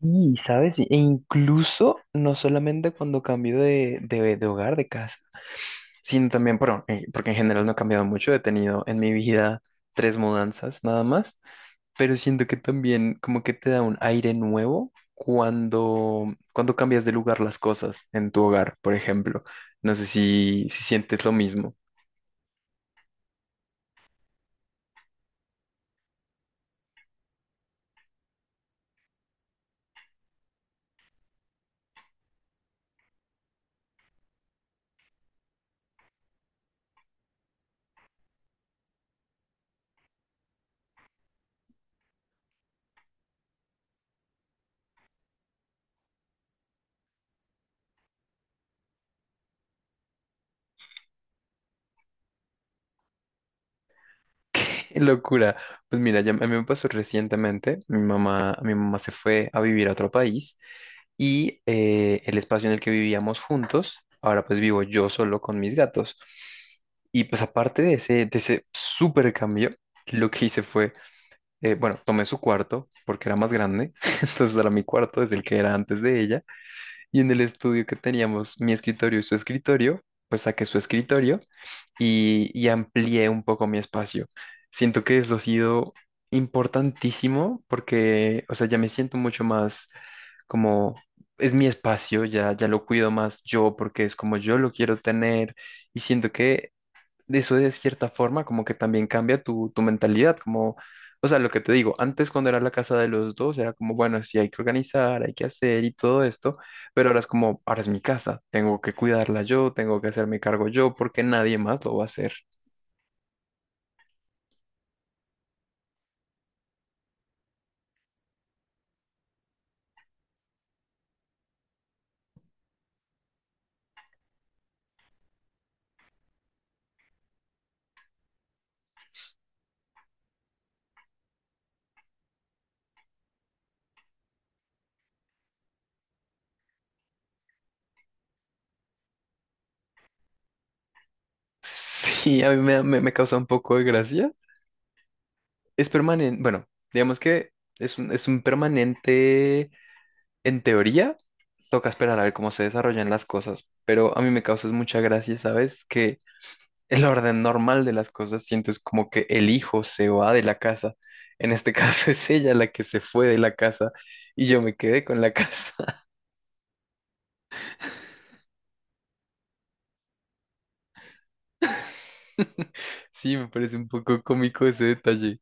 Sí, ¿sabes? E incluso no solamente cuando cambio de hogar, de casa, sino también, bueno, porque en general no he cambiado mucho, he tenido en mi vida tres mudanzas nada más, pero siento que también como que te da un aire nuevo cuando cambias de lugar las cosas en tu hogar, por ejemplo. No sé si sientes lo mismo. Locura. Pues mira, ya, a mí me pasó recientemente, mi mamá se fue a vivir a otro país. Y el espacio en el que vivíamos juntos, ahora pues vivo yo solo con mis gatos. Y pues aparte de ese súper cambio, lo que hice fue, bueno, tomé su cuarto porque era más grande. Entonces era mi cuarto, es el que era antes de ella, y en el estudio que teníamos mi escritorio y su escritorio, pues saqué su escritorio y amplié un poco mi espacio. Siento que eso ha sido importantísimo porque, o sea, ya me siento mucho más como es mi espacio, ya, ya lo cuido más yo porque es como yo lo quiero tener, y siento que eso de cierta forma como que también cambia tu mentalidad, como, o sea, lo que te digo, antes cuando era la casa de los dos era como, bueno, sí hay que organizar, hay que hacer y todo esto, pero ahora es como, ahora es mi casa, tengo que cuidarla yo, tengo que hacerme cargo yo porque nadie más lo va a hacer. Sí, a mí me causa un poco de gracia. Es permanente, bueno, digamos que es un permanente en teoría. Toca esperar a ver cómo se desarrollan las cosas, pero a mí me causa mucha gracia, ¿sabes? Que el orden normal de las cosas siento es como que el hijo se va de la casa. En este caso es ella la que se fue de la casa y yo me quedé con la casa. Sí, me parece un poco cómico ese detalle.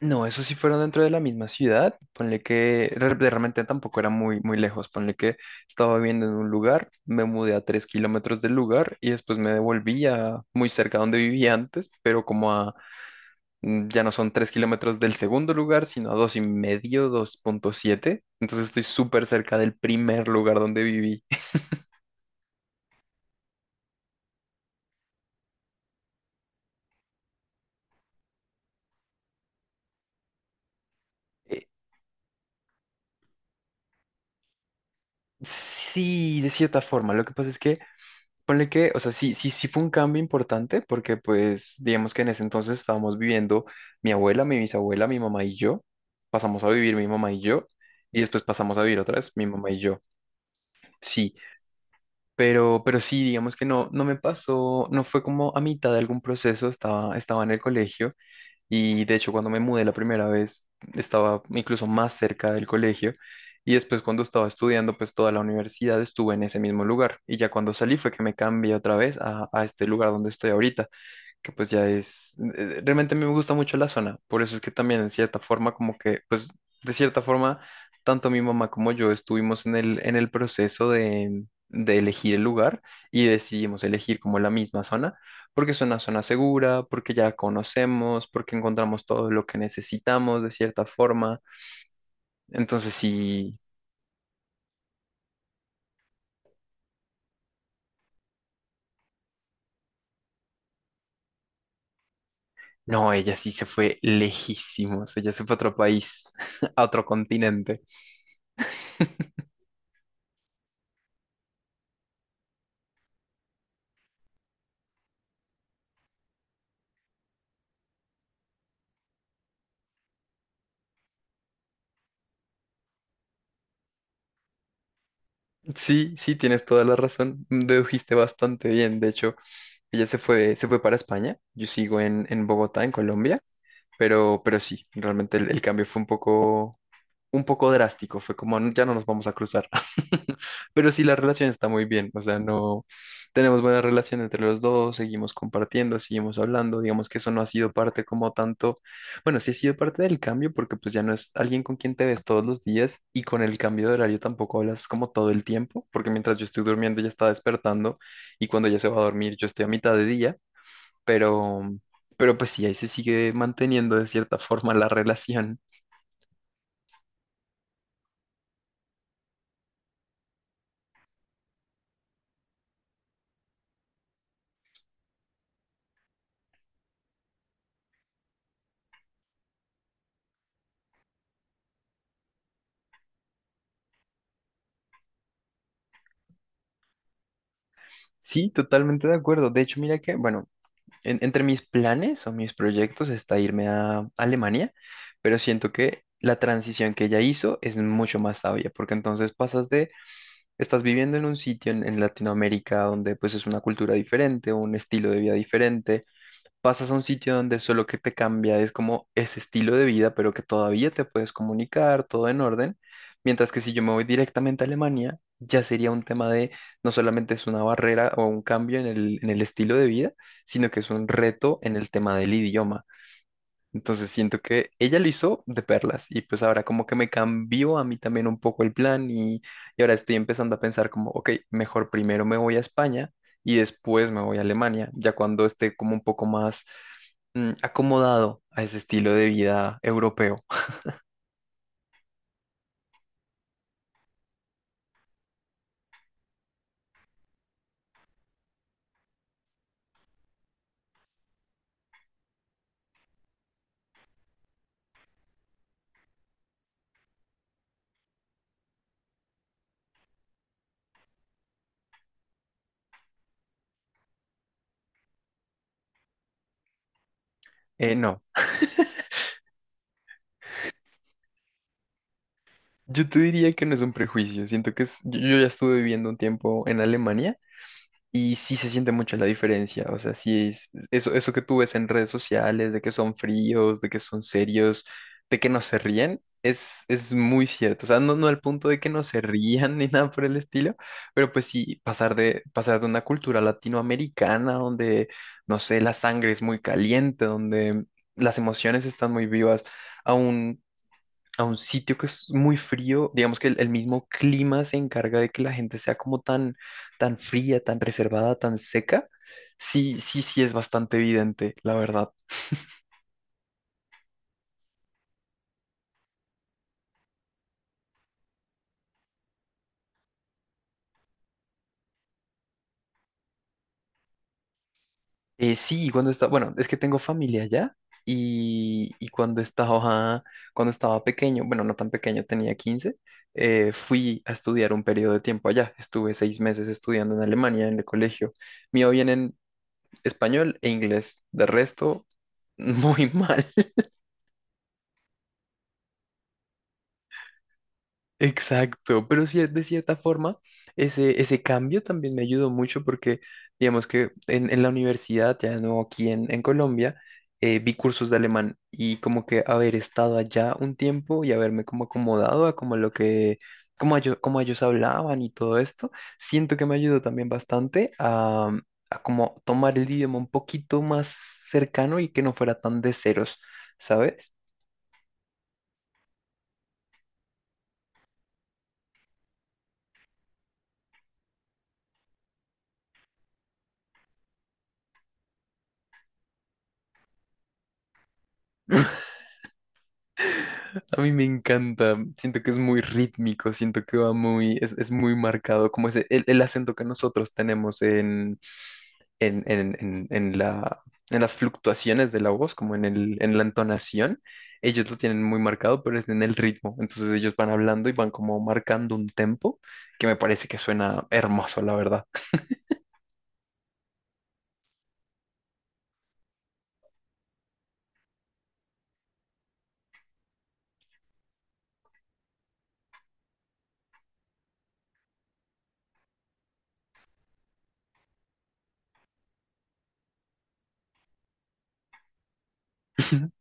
No, eso sí fueron dentro de la misma ciudad. Ponle que realmente tampoco era muy, muy lejos. Ponle que estaba viviendo en un lugar, me mudé a 3 kilómetros del lugar y después me devolví a muy cerca donde vivía antes, pero como a ya no son 3 kilómetros del segundo lugar, sino a 2,5, 2,7. Entonces estoy súper cerca del primer lugar donde viví. Eh, Sí, de cierta forma. Lo que pasa es que, ponle que, o sea, sí, sí, sí fue un cambio importante porque, pues, digamos que en ese entonces estábamos viviendo mi abuela, mi bisabuela, mi mamá y yo. Pasamos a vivir mi mamá y yo. Y después pasamos a vivir otra vez mi mamá y yo. Sí, pero sí, digamos que no, no me pasó, no fue como a mitad de algún proceso, estaba, estaba en el colegio. Y de hecho, cuando me mudé la primera vez, estaba incluso más cerca del colegio. Y después, cuando estaba estudiando, pues toda la universidad estuve en ese mismo lugar. Y ya cuando salí fue que me cambié otra vez a este lugar donde estoy ahorita, que pues ya es, realmente a mí me gusta mucho la zona, por eso es que también en cierta forma como que, pues de cierta forma, tanto mi mamá como yo estuvimos en el proceso de elegir el lugar y decidimos elegir como la misma zona, porque es una zona segura, porque ya conocemos, porque encontramos todo lo que necesitamos de cierta forma, entonces sí, no, ella sí se fue lejísimos, ella se fue a otro país, a otro continente. Sí, sí, tienes toda la razón. Dedujiste bastante bien. De hecho, ella se fue para España. Yo sigo en Bogotá, en Colombia, pero sí, realmente el cambio fue un poco drástico, fue como, "No, ya no nos vamos a cruzar". Pero sí, la relación está muy bien, o sea, no tenemos buena relación entre los dos, seguimos compartiendo, seguimos hablando, digamos que eso no ha sido parte como tanto, bueno, sí ha sido parte del cambio, porque pues ya no es alguien con quien te ves todos los días y con el cambio de horario tampoco hablas como todo el tiempo, porque mientras yo estoy durmiendo ella está despertando, y cuando ella se va a dormir yo estoy a mitad de día, pero, pero pues sí, ahí se sigue manteniendo de cierta forma la relación. Sí, totalmente de acuerdo. De hecho, mira que, bueno, entre mis planes o mis proyectos está irme a Alemania, pero siento que la transición que ella hizo es mucho más sabia, porque entonces pasas de, estás viviendo en un sitio en Latinoamérica donde pues es una cultura diferente, un estilo de vida diferente, pasas a un sitio donde solo que te cambia es como ese estilo de vida, pero que todavía te puedes comunicar, todo en orden. Mientras que si yo me voy directamente a Alemania, ya sería un tema de no solamente es una barrera o un cambio en el estilo de vida, sino que es un reto en el tema del idioma. Entonces siento que ella lo hizo de perlas y pues ahora como que me cambió a mí también un poco el plan, y ahora estoy empezando a pensar como, ok, mejor primero me voy a España y después me voy a Alemania, ya cuando esté como un poco más acomodado a ese estilo de vida europeo. No, yo te diría que no es un prejuicio, siento que yo ya estuve viviendo un tiempo en Alemania. Y sí se siente mucho la diferencia, o sea, sí es eso, eso que tú ves en redes sociales, de que son fríos, de que son serios, de que no se ríen, es muy cierto. O sea, no, no al punto de que no se rían ni nada por el estilo, pero pues sí, pasar de una cultura latinoamericana donde, no sé, la sangre es muy caliente, donde las emociones están muy vivas, a un a un sitio que es muy frío, digamos que el mismo clima se encarga de que la gente sea como tan, tan fría, tan reservada, tan seca, sí, sí, sí es bastante evidente, la verdad. Sí, cuando estaba, bueno, es que tengo familia allá y cuando estaba pequeño, bueno, no tan pequeño, tenía 15. Fui a estudiar un periodo de tiempo allá. Estuve 6 meses estudiando en Alemania, en el colegio. Mío bien en español e inglés, de resto, muy mal. Exacto, pero sí, de cierta forma, ese cambio también me ayudó mucho porque, digamos que en la universidad, ya no aquí en Colombia, vi cursos de alemán, y como que haber estado allá un tiempo y haberme como acomodado a como lo que, como ellos hablaban y todo esto, siento que me ayudó también bastante a como tomar el idioma un poquito más cercano y que no fuera tan de ceros, ¿sabes? A mí me encanta, siento que es muy rítmico, siento que va muy, es muy marcado, como ese, el acento que nosotros tenemos en, en, en, en, en la, en las fluctuaciones de la voz, como en en la entonación, ellos lo tienen muy marcado, pero es en el ritmo, entonces ellos van hablando y van como marcando un tempo que me parece que suena hermoso, la verdad.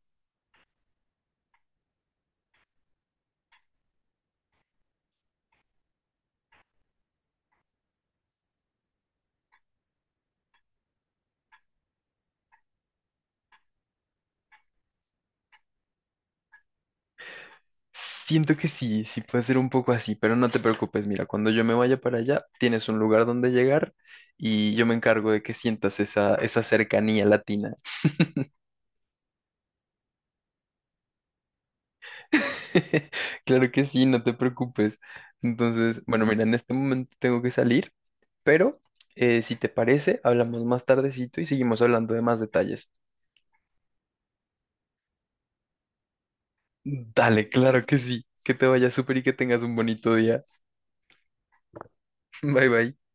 Siento que sí, sí puede ser un poco así, pero no te preocupes, mira, cuando yo me vaya para allá, tienes un lugar donde llegar, y yo me encargo de que sientas esa, esa cercanía latina. Claro que sí, no te preocupes. Entonces, bueno, mira, en este momento tengo que salir, pero si te parece, hablamos más tardecito y seguimos hablando de más detalles. Dale, claro que sí, que te vaya súper y que tengas un bonito día. Bye bye.